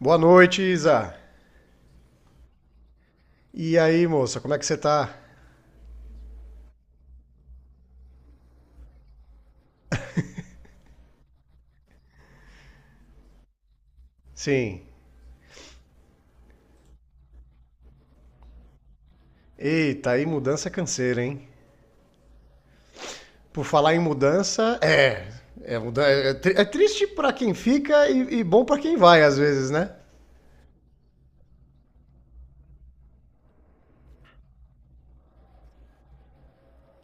Boa noite, Isa. E aí, moça, como é que você tá? Sim. Eita, aí mudança é canseira, hein? Por falar em mudança, é. É triste pra quem fica e bom pra quem vai, às vezes, né?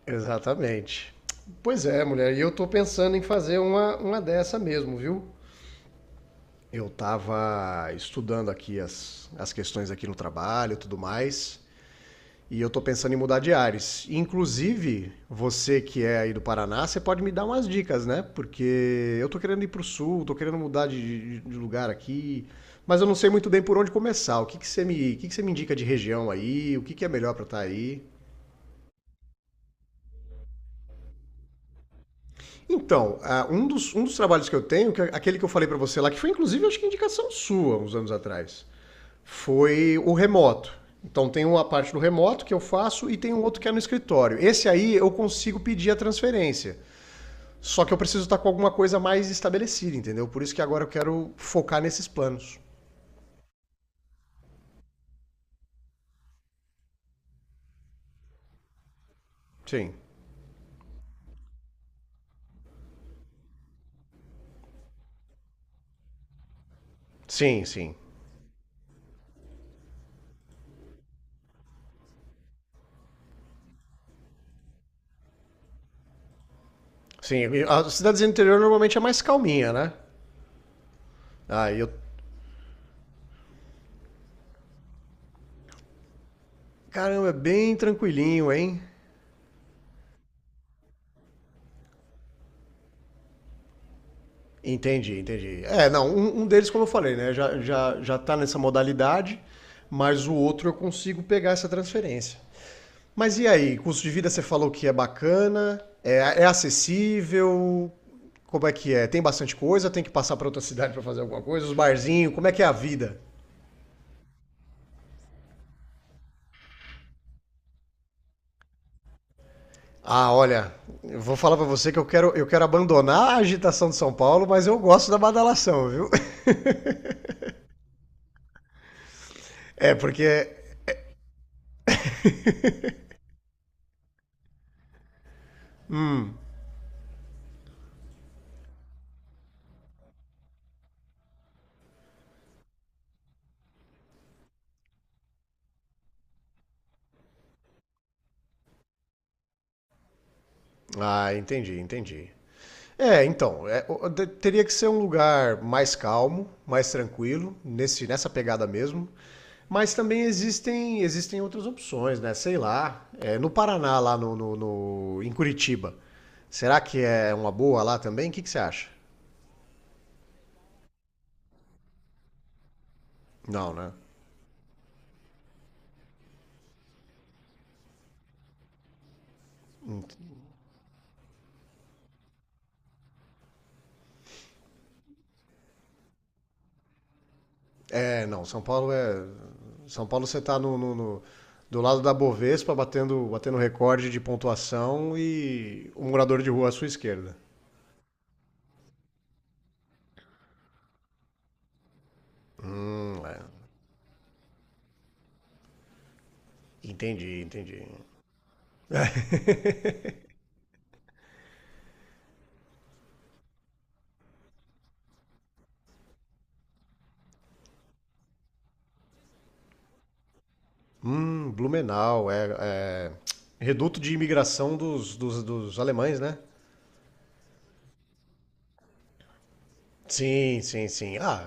Exatamente. Pois é, mulher, e eu tô pensando em fazer uma dessa mesmo, viu? Eu tava estudando aqui as questões aqui no trabalho e tudo mais. E eu tô pensando em mudar de ares. Inclusive, você que é aí do Paraná, você pode me dar umas dicas, né? Porque eu tô querendo ir pro sul, tô querendo mudar de lugar aqui, mas eu não sei muito bem por onde começar. O que que você me indica de região aí? O que que é melhor pra estar aí? Então, ah, um dos trabalhos que eu tenho, que é aquele que eu falei pra você lá, que foi inclusive acho que indicação sua uns anos atrás, foi o remoto. Então tem uma parte do remoto que eu faço e tem um outro que é no escritório. Esse aí eu consigo pedir a transferência. Só que eu preciso estar com alguma coisa mais estabelecida, entendeu? Por isso que agora eu quero focar nesses planos. Sim. Sim, sim. Sim. As cidades do interior normalmente é mais calminha, né? Ah, eu. Caramba, é bem tranquilinho, hein? Entendi, entendi. É, não, um deles, como eu falei, né? Já tá nessa modalidade, mas o outro eu consigo pegar essa transferência. Mas e aí, custo de vida você falou que é bacana, é, é acessível, como é que é? Tem bastante coisa, tem que passar para outra cidade para fazer alguma coisa, os barzinhos, como é que é a vida? Ah, olha, eu vou falar para você que eu quero abandonar a agitação de São Paulo, mas eu gosto da badalação, viu? É porque... Ah, entendi, entendi. É, então, é, teria que ser um lugar mais calmo, mais tranquilo, nesse, nessa pegada mesmo. Mas também existem outras opções, né? Sei lá, é, no Paraná, lá em Curitiba, será que é uma boa lá também? O que você acha? Não, né? É, não, São Paulo é... São Paulo você tá do lado da Bovespa, batendo recorde de pontuação e o morador de rua à sua esquerda. É. Entendi, entendi. Blumenau, é, é reduto de imigração dos alemães, né? Sim, sim, sim. Ah,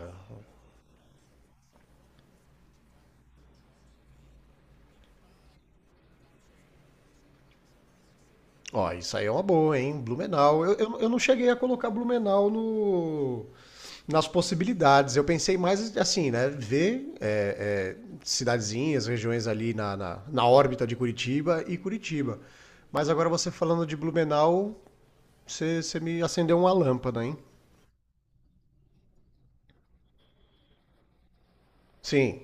ó, isso aí é uma boa, hein? Blumenau. Eu não cheguei a colocar Blumenau no, nas possibilidades. Eu pensei mais assim, né? Ver é, é, cidadezinhas, regiões ali na órbita de Curitiba e Curitiba. Mas agora você falando de Blumenau, você me acendeu uma lâmpada, hein? Sim.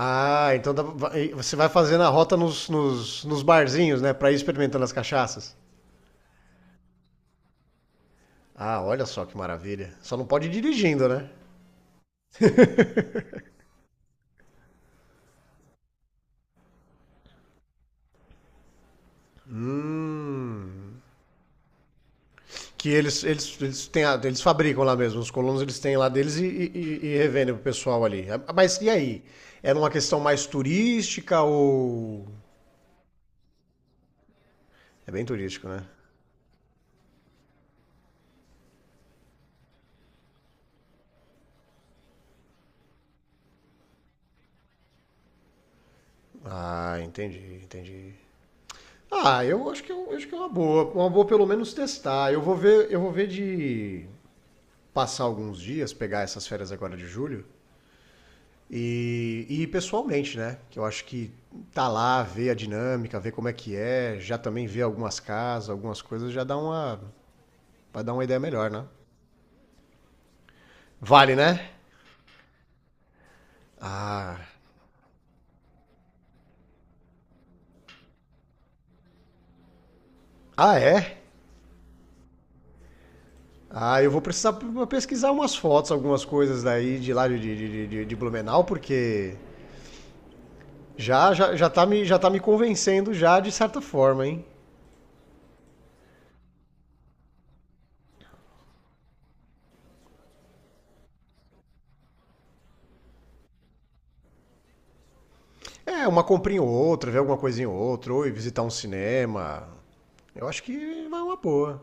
Ah, então você vai fazendo a rota nos barzinhos, né? Pra ir experimentando as cachaças. Ah, olha só que maravilha. Só não pode ir dirigindo, né? Hum. Que eles eles fabricam lá mesmo. Os colonos eles têm lá deles e e revendem pro pessoal ali. Ah, mas e aí? Era uma questão mais turística ou. É bem turístico, né? Ah, entendi, entendi. Ah, eu acho que, acho que é uma boa. Uma boa pelo menos testar. Eu vou ver de. Passar alguns dias, pegar essas férias agora de julho e ir pessoalmente, né? Que eu acho que tá lá, ver a dinâmica, ver como é que é, já também ver algumas casas, algumas coisas, já dá uma. Vai dar uma ideia melhor, né? Vale, né? Ah. Ah, é? Ah, eu vou precisar pesquisar umas fotos, algumas coisas daí de lá de Blumenau, porque já tá me convencendo já de certa forma, hein? É, uma comprinha ou outra, ver alguma coisinha ou outra, ou ir visitar um cinema. Eu acho que vai uma boa.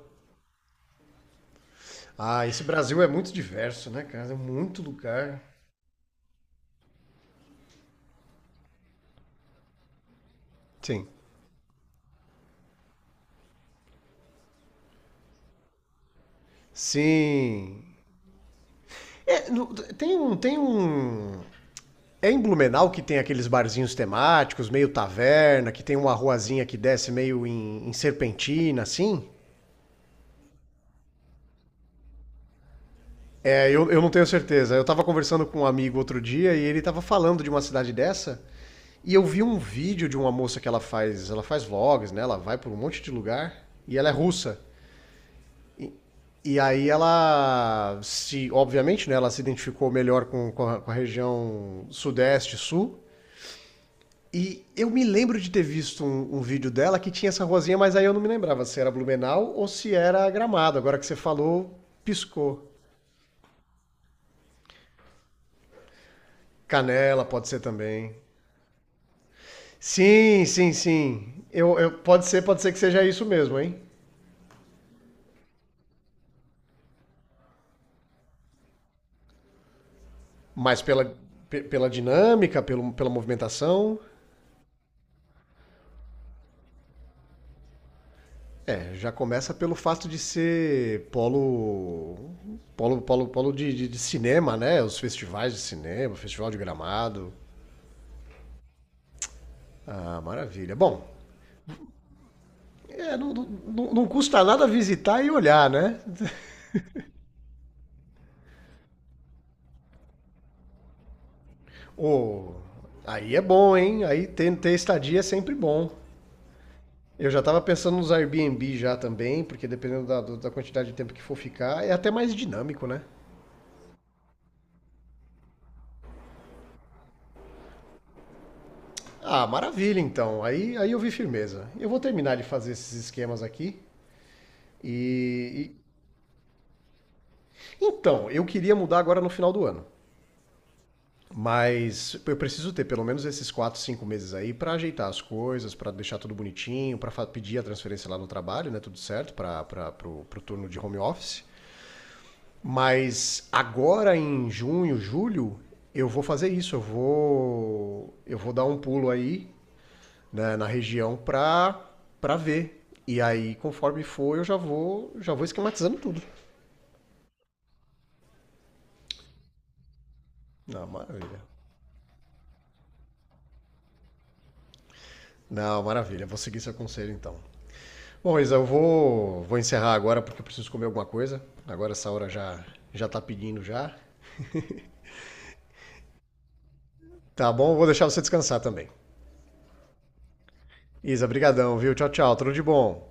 Ah, esse Brasil é muito diverso, né, cara? É muito lugar. Sim. Sim. É, no- tem um. Tem um. É em Blumenau que tem aqueles barzinhos temáticos, meio taverna, que tem uma ruazinha que desce meio em serpentina, assim? É, eu não tenho certeza. Eu tava conversando com um amigo outro dia e ele tava falando de uma cidade dessa. E eu vi um vídeo de uma moça que ela faz vlogs, né? Ela vai por um monte de lugar e ela é russa. E aí ela se, obviamente, né, ela se identificou melhor com a região sudeste, sul. E eu me lembro de ter visto um vídeo dela que tinha essa rosinha, mas aí eu não me lembrava se era Blumenau ou se era Gramado. Agora que você falou, piscou. Canela pode ser também. Sim, sim, sim. Pode ser, pode ser que seja isso mesmo, hein? Mas pela, pela dinâmica, pelo, pela movimentação, é, já começa pelo fato de ser polo polo de de cinema, né? Os festivais de cinema, festival de Gramado. Ah, maravilha. Bom, é, custa nada visitar e olhar, né? Ô, aí é bom, hein? Aí ter estadia é sempre bom. Eu já estava pensando nos Airbnb já também, porque dependendo da quantidade de tempo que for ficar, é até mais dinâmico, né? Ah, maravilha então. Aí eu vi firmeza. Eu vou terminar de fazer esses esquemas aqui. E, e- Então, eu queria mudar agora no final do ano. Mas eu preciso ter pelo menos esses 4, 5 meses aí pra ajeitar as coisas, pra deixar tudo bonitinho, pedir a transferência lá no trabalho, né? Tudo certo, para pro, pro turno de home office. Mas agora em junho, julho, eu vou fazer isso. Eu vou dar um pulo aí né, na região pra, pra ver. E aí, conforme for, eu já vou esquematizando tudo. Não, maravilha. Não, maravilha. Vou seguir seu conselho então. Bom, Isa, eu vou encerrar agora porque eu preciso comer alguma coisa. Agora essa hora já, já tá pedindo já. Tá bom, vou deixar você descansar também. Isa, brigadão, viu? Tchau, tchau. Tudo de bom.